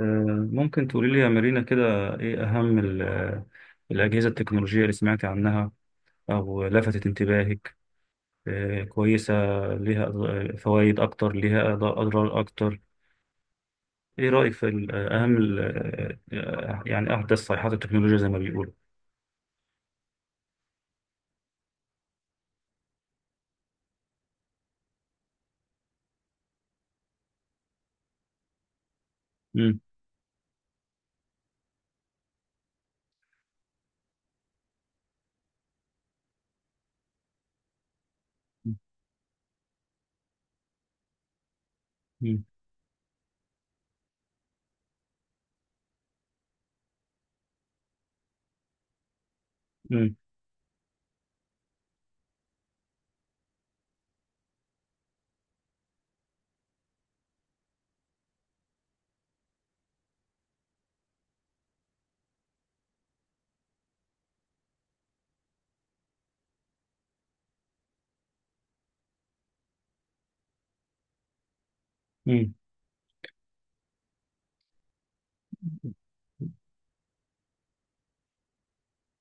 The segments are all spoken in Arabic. آه، ممكن تقولي لي يا مارينا كده، إيه أهم الأجهزة التكنولوجية اللي سمعتي عنها أو لفتت انتباهك؟ كويسة، ليها فوائد أكتر ليها أضرار أكتر؟ إيه رأيك في أهم يعني أحدث صيحات التكنولوجيا زي ما بيقولوا؟ مم. مم. مم. مم.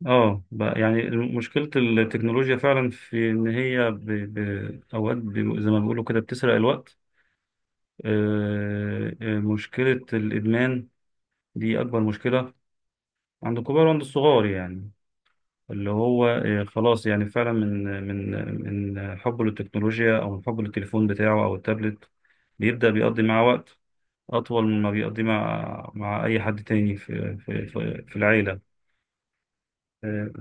بقى يعني مشكلة التكنولوجيا فعلا في إن هي أوقات زي ما بيقولوا كده بتسرق الوقت. مشكلة الإدمان دي أكبر مشكلة عند الكبار وعند الصغار، يعني اللي هو خلاص، يعني فعلا من حبه للتكنولوجيا أو من حبه للتليفون بتاعه أو التابلت، بيبدأ بيقضي معاه وقت أطول مما بيقضي مع أي حد تاني في العيلة. آه،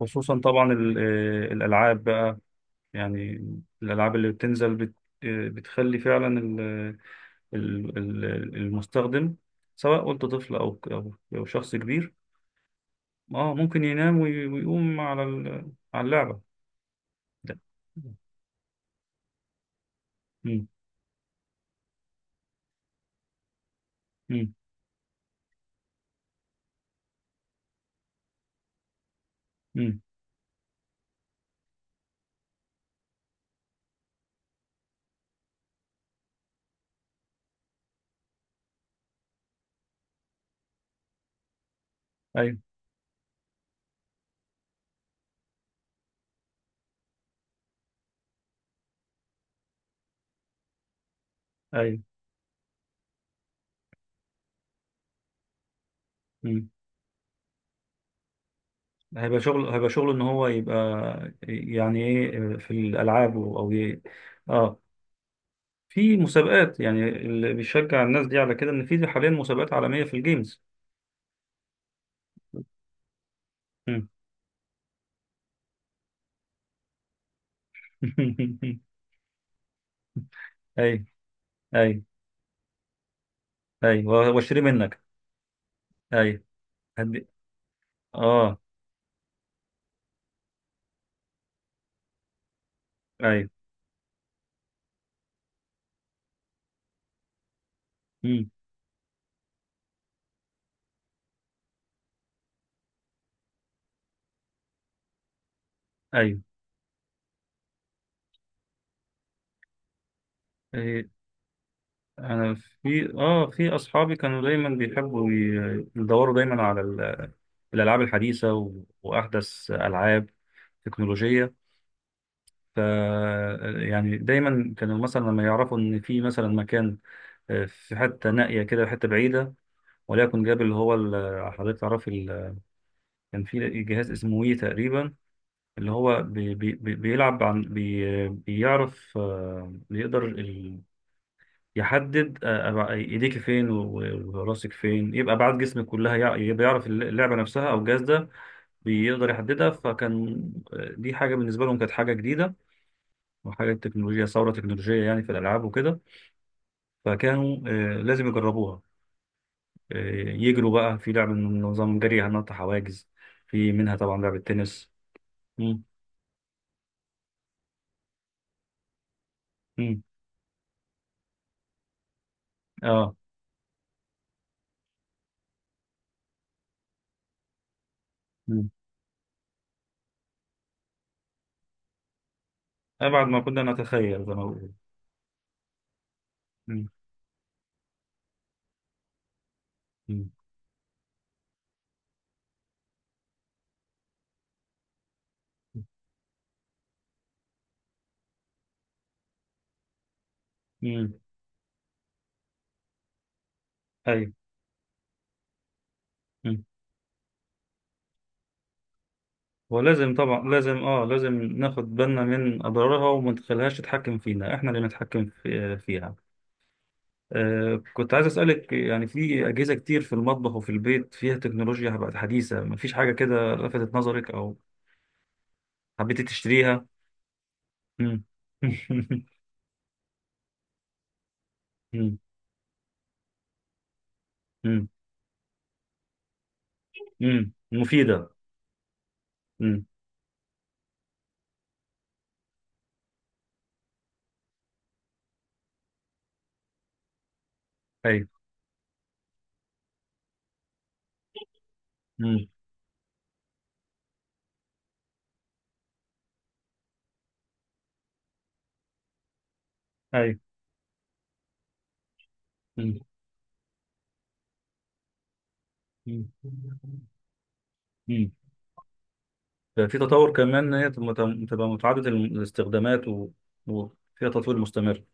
خصوصا طبعا الألعاب بقى، يعني الألعاب اللي بتنزل بت آه، بتخلي فعلا ال- ال- المستخدم، سواء قلت طفل أو شخص كبير، اه ممكن ينام ويقوم على على اللعبة ده. مم. مم. مم. ايوه. ايوه. مم. هيبقى شغل، هيبقى شغل ان هو يبقى، يعني ايه، في الالعاب او اه، في مسابقات، يعني اللي بيشجع الناس دي على كده ان في حاليا مسابقات عالمية في الجيمز. مم. ايوه. ايوه. ايوه واشتري منك. ايوه. هدي. اه. ايوه. مم. ايوه. إيه. انا، في في اصحابي كانوا دايما بيحبوا يدوروا دايما على الالعاب الحديثه، واحدث العاب تكنولوجيه، ف يعني دايما كانوا مثلا لما يعرفوا ان في مثلا مكان، في حته نائيه كده، حته بعيده، وليكن جاب اللي هو حضرتك تعرف كان في جهاز اسمه وي تقريبا، اللي هو بيلعب عن بيعرف، بيقدر يحدد ايديك فين وراسك فين، يبقى ابعاد جسمك كلها، يبقى يعرف اللعبه نفسها او الجهاز ده بيقدر يحددها. فكان دي حاجه بالنسبه لهم كانت حاجه جديده وحاجه تكنولوجيا، ثوره تكنولوجيه يعني في الالعاب وكده، فكانوا لازم يجربوها، آه، يجروا بقى في لعبه من نظام جري، هنط حواجز، في منها طبعا لعبه تنس. مم. مم. اه. مم. ابعد ما كنا نتخيل زي ما بقول. مم. مم. مم. ايوه. ولازم طبعا، لازم ناخد بالنا من اضرارها، وما نخليهاش تتحكم فينا، احنا اللي نتحكم فيها. كنت عايز اسالك، يعني في اجهزه كتير في المطبخ وفي البيت فيها تكنولوجيا بقت حديثه، مفيش حاجه كده لفتت نظرك او حبيتي تشتريها؟ مم. مم. مم. مم. مفيده. مم. ايوه. مم. ايوه. مم. مم. مم. في تطور كمان ان هي تبقى متعدده الاستخدامات، وفيها تطوير مستمر.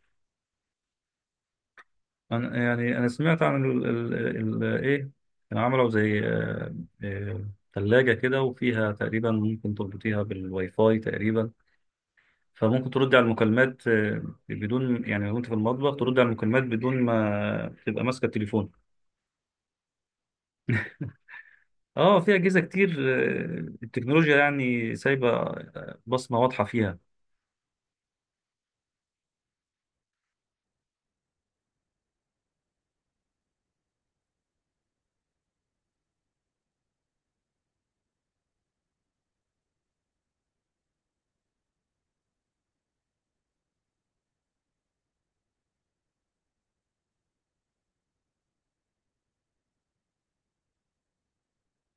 أنا سمعت عن ال ال ال إيه كانوا عملوا زي تلاجة كده، وفيها تقريبا ممكن تربطيها بالواي فاي تقريبا، فممكن ترد على المكالمات، بدون، يعني لو أنت في المطبخ ترد على المكالمات بدون ما تبقى ماسكة التليفون. أه، في أجهزة كتير، التكنولوجيا يعني سايبة بصمة واضحة فيها.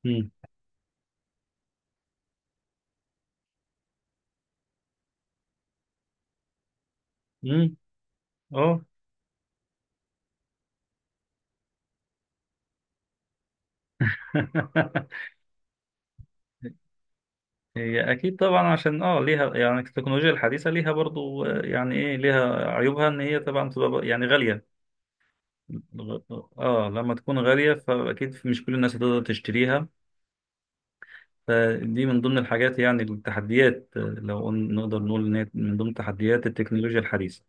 امم. امم. أه. هي اكيد طبعا، عشان ليها، يعني التكنولوجيا الحديثه ليها برضو يعني ايه، ليها عيوبها ان هي طبعا بتبقى يعني غاليه. اه، لما تكون غاليه فاكيد مش كل الناس هتقدر تشتريها، فدي من ضمن الحاجات، يعني التحديات، نقدر نقول ان هي من ضمن تحديات التكنولوجيا الحديثه،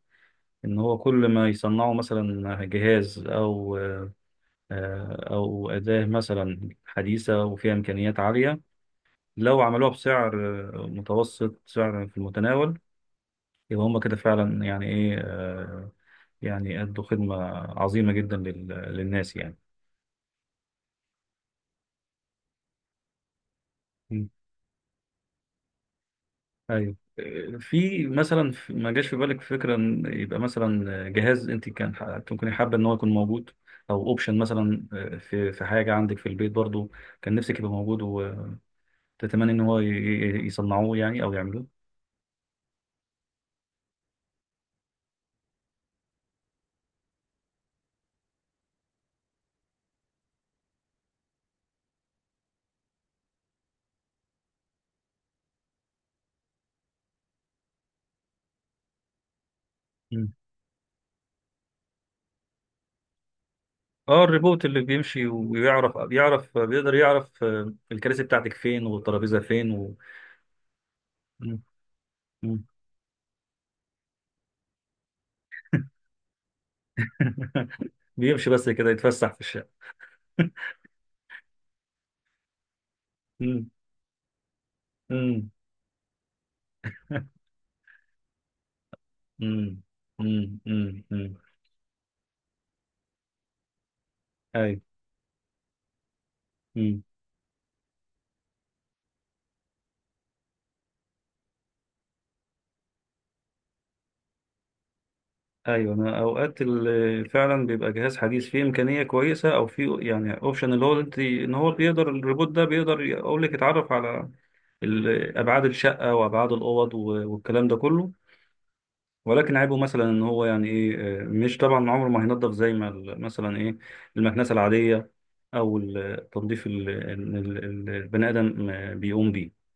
ان هو كل ما يصنعوا مثلا جهاز او آه، آه، او اداه مثلا حديثه وفيها امكانيات عاليه، لو عملوها بسعر متوسط، سعر في المتناول، يبقى هم كده فعلا يعني ايه، يعني ادوا خدمة عظيمة جدا للناس يعني. مم. ايوه. في مثلا ما جاش في بالك فكرة ان يبقى مثلا جهاز انت ممكن حابة ان هو يكون موجود، او اوبشن مثلا، في حاجة عندك في البيت برضو كان نفسك يبقى موجود، وتتمنى ان هو يصنعوه يعني او يعملوه. مم. اه، الريبوت اللي بيمشي ويعرف، بيقدر يعرف الكراسي بتاعتك فين والترابيزة فين مم. بيمشي بس كده يتفسح في الشارع. مم. مم. مم. مم. مم. مم. ايوه. مم. ايوه، انا اوقات فعلا بيبقى جهاز حديث فيه امكانيه كويسه، او فيه يعني اوبشن، اللي هو اللي انت ان هو بيقدر الريبوت ده بيقدر يقول لك يتعرف على ابعاد الشقه وابعاد الاوض والكلام ده كله، ولكن عيبه مثلا ان هو يعني ايه، مش طبعا عمره ما هينضف زي ما مثلا ايه، المكنسه العاديه، او التنظيف البني ادم بيقوم بيه.